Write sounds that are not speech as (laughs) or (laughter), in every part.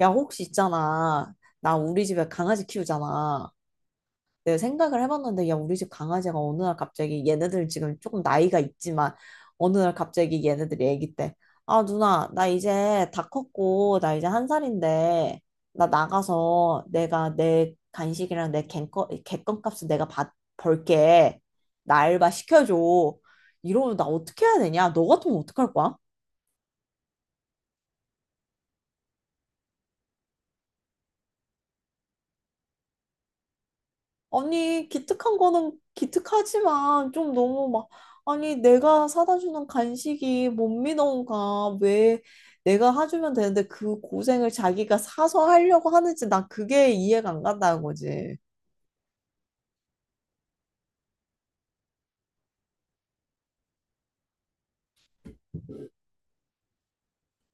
야, 혹시 있잖아. 나 우리 집에 강아지 키우잖아. 내가 생각을 해봤는데, 야, 우리 집 강아지가 어느 날 갑자기 얘네들 지금 조금 나이가 있지만, 어느 날 갑자기 얘네들이 애기 때, 아, 누나, 나 이제 다 컸고, 나 이제 1살인데, 나 나가서 내가 내 간식이랑 내 객건값을 내가 벌게. 나 알바 시켜줘. 이러면 나 어떻게 해야 되냐? 너 같으면 어떡할 거야? 아니, 기특한 거는 기특하지만 좀 너무 막, 아니, 내가 사다 주는 간식이 못 믿어온가. 왜 내가 해주면 되는데 그 고생을 자기가 사서 하려고 하는지 난 그게 이해가 안 간다는 거지.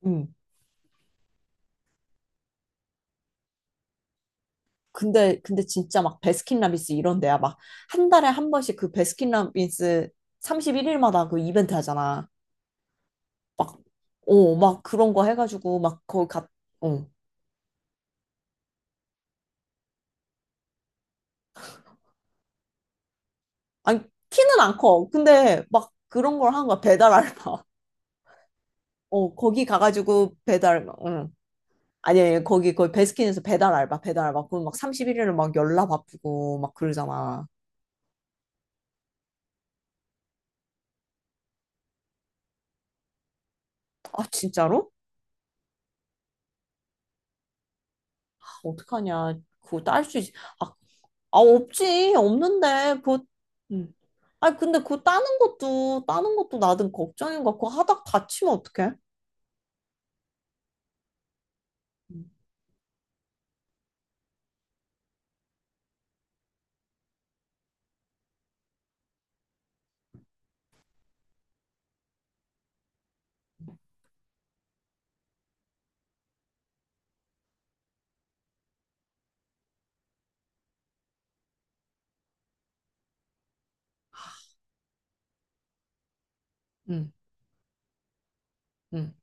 음. 근데 진짜 막 베스킨라빈스 이런 데야. 막 한 달에 한 번씩 그 베스킨라빈스 31일마다 그 이벤트 하잖아. 막, 막 그런 거 해가지고 막 어. 아니, 키는 안 커. 근데 막 그런 걸 한 거야. 배달 알바. 어, 거기 가가지고 배달, 응. 아니, 거기 베스킨에서 배달 알바, 배달 알바. 그럼 막 31일을 막 열나 바쁘고 막 그러잖아. 아, 진짜로? 아, 어떡하냐. 그거 딸 수 있, 아, 없지. 없는데. 그거, 응. 아니, 근데 따는 것도 나든 걱정인 것 같고, 하다 다치면 어떡해? 응, 응. 응.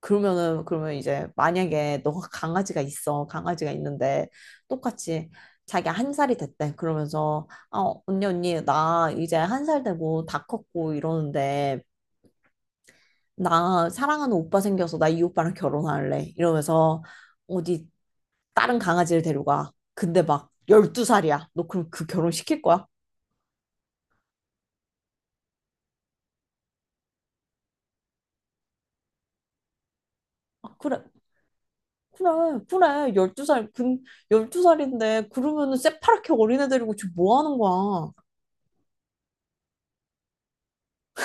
그러면 이제 만약에 너가 강아지가 있어 강아지가 있는데 똑같이 자기 1살이 됐대, 그러면서, 아, 언니 언니, 나 이제 한 살 되고 다 컸고 이러는데 나 사랑하는 오빠 생겨서 나 이 오빠랑 결혼할래 이러면서 어디 다른 강아지를 데려가. 근데 막 12살이야. 너 그럼 그 결혼 시킬 거야? 아, 그래, 그래, 그래. 12살. 근 12살인데 그러면은 새파랗게 어린애 데리고 지금 뭐 하는 거야.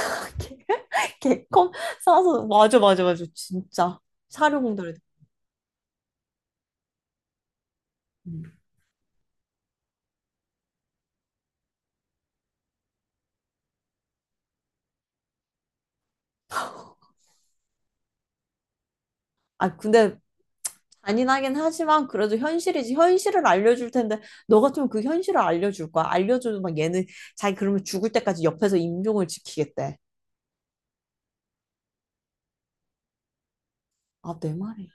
(laughs) 개껌 사서, 맞아, 맞아, 맞아, 진짜 사료공들을. 음. 아, 근데 잔인하긴 하지만 그래도 현실이지. 현실을 알려줄 텐데, 너 같으면 그 현실을 알려줄 거야? 알려줘도 막 얘는 자기 그러면 죽을 때까지 옆에서 임종을 지키겠대. 아, 내 말이.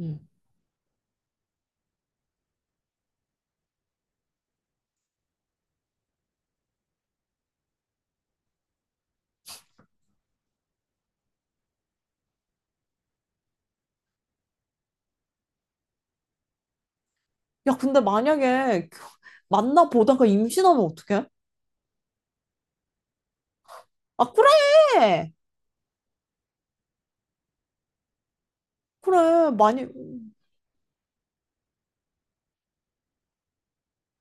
음. 야, 근데 만약에 만나보다가 임신하면 어떡해? 아, 그래, 그래, 많이.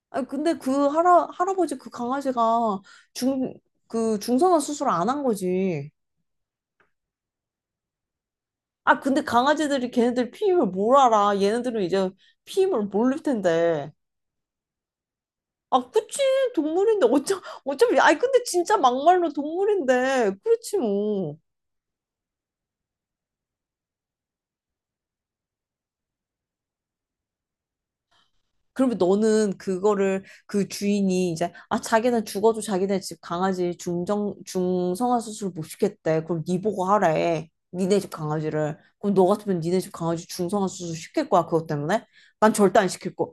아, 근데 그 할아버지 그 강아지가, 중 그 중성화 수술 안 한 거지. 아, 근데 강아지들이 걔네들 피임을 뭘 알아. 얘네들은 이제 피임을 모를 텐데. 아, 그치. 동물인데. 어차피. 아니, 근데 진짜 막말로 동물인데. 그렇지, 뭐. 그러면 너는 그거를, 그 주인이 이제, 아, 자기는 죽어도 자기네 집 강아지 중성화 수술 못 시켰대. 그럼 니 보고 하래. 니네 집 강아지를. 그럼 너 같으면 니네 집 강아지 중성화 수술 시킬 거야? 그것 때문에? 난 절대 안 시킬 거야.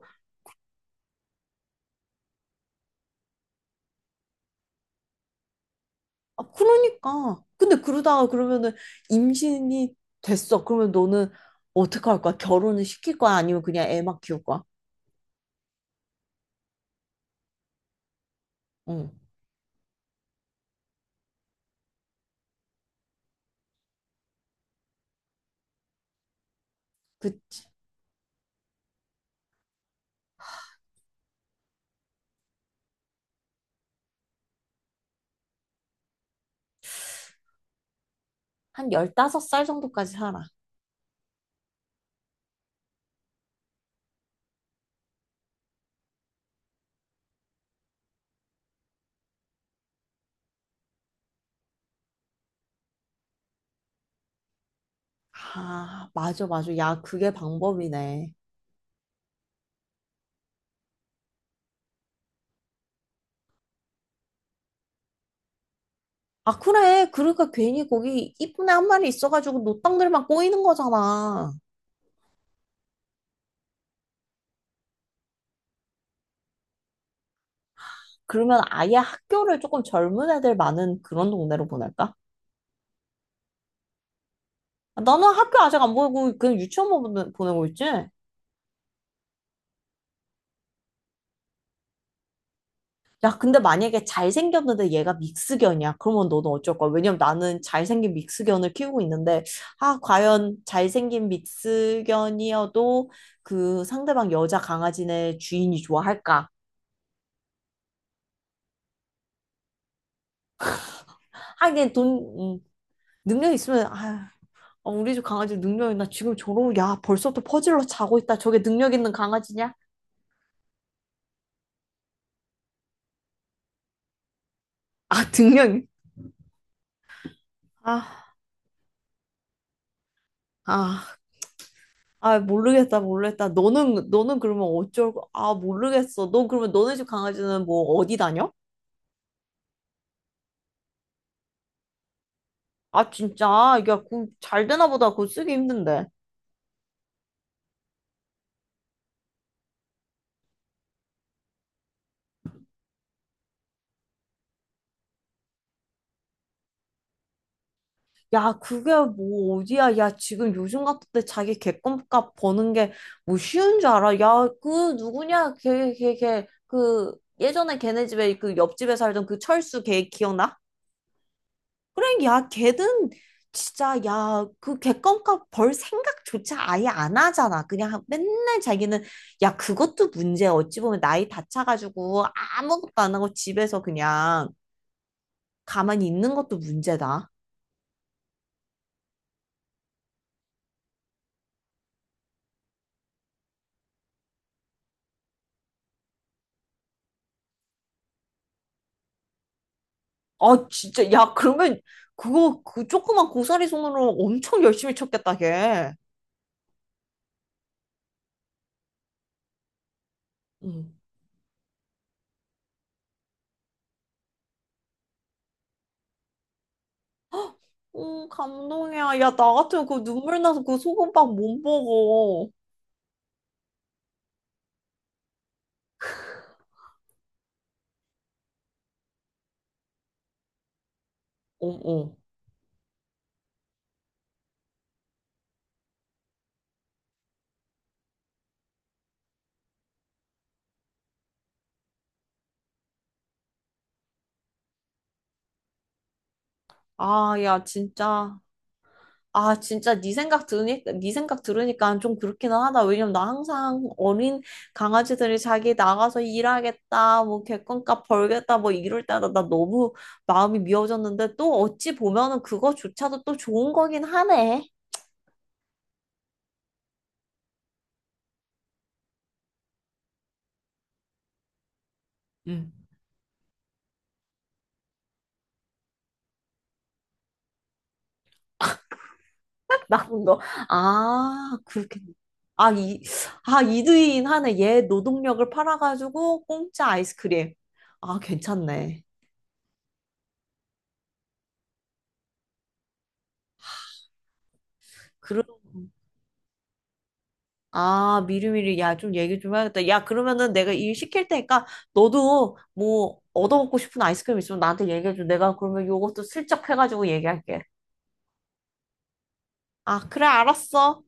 아, 그러니까. 근데 그러다가 그러면은 임신이 됐어. 그러면 너는 어떻게 할 거야? 결혼을 시킬 거야? 아니면 그냥 애만 키울 거야? 응. 그, 한다섯 살 정도까지 살아. 아, 맞아, 맞아. 야, 그게 방법이네. 아, 그래. 그러니까 괜히 거기 이쁜 애 1마리 있어가지고 노땅들만 꼬이는 거잖아. 그러면 아예 학교를 조금 젊은 애들 많은 그런 동네로 보낼까? 아, 나는 학교 아직 안 보내고 그냥 유치원만 보내고 있지? 야, 근데 만약에 잘생겼는데 얘가 믹스견이야. 그러면 너는 어쩔 거야? 왜냐면 나는 잘생긴 믹스견을 키우고 있는데, 아, 과연 잘생긴 믹스견이어도 그 상대방 여자 강아지네 주인이 좋아할까? 하긴 돈, 음, 능력 있으면, 아, 어, 우리 집 강아지 능력 있나? 지금 저러고, 야, 벌써부터 퍼질러 자고 있다. 저게 능력 있는 강아지냐? 아, (laughs) 능력, 아, 아. 아, 모르겠다, 모르겠다. 너는, 너는 그러면 아, 모르겠어. 너 그러면 너네 집 강아지는 뭐 어디 다녀? 아, 진짜? 야, 그, 잘 되나 보다. 그거 쓰기 힘든데. 야, 그게 뭐 어디야? 야, 지금 요즘 같은 때 자기 객관값 버는 게 뭐 쉬운 줄 알아? 야, 그 누구냐? 걔, 걔, 걔. 그 예전에 걔네 집에 그 옆집에 살던 그 철수 걔 기억나? 그래, 야, 걔든 진짜. 야, 그 객관값 벌 생각조차 아예 안 하잖아. 그냥 맨날 자기는, 야, 그것도 문제야. 어찌 보면 나이 다 차가지고 아무것도 안 하고 집에서 그냥 가만히 있는 것도 문제다. 아, 진짜. 야, 그러면 그거 그 조그만 고사리 손으로 엄청 열심히 쳤겠다, 걔. 응. 감동이야. 야, 나 같으면 그 눈물 나서 그 소금빵 못 먹어. 어, 어. 아, 야, 진짜. 아, 진짜 네 생각 들으니까 좀 그렇기는 하다. 왜냐면 나 항상 어린 강아지들이 자기 나가서 일하겠다, 뭐 객관값 벌겠다, 뭐 이럴 때마다 나 너무 마음이 미어졌는데 또 어찌 보면은 그거조차도 또 좋은 거긴 하네. 응. 나쁜 거. 아, 그렇게. 아, 이, 아, 이두인 하네. 얘 노동력을 팔아가지고 공짜 아이스크림. 아, 괜찮네. 그러 아, 미리미리, 야, 좀 얘기 좀 해야겠다. 야, 그러면은 내가 일 시킬 테니까 너도 뭐 얻어먹고 싶은 아이스크림 있으면 나한테 얘기해줘. 내가 그러면 요것도 슬쩍 해가지고 얘기할게. 아, 그래, 알았어.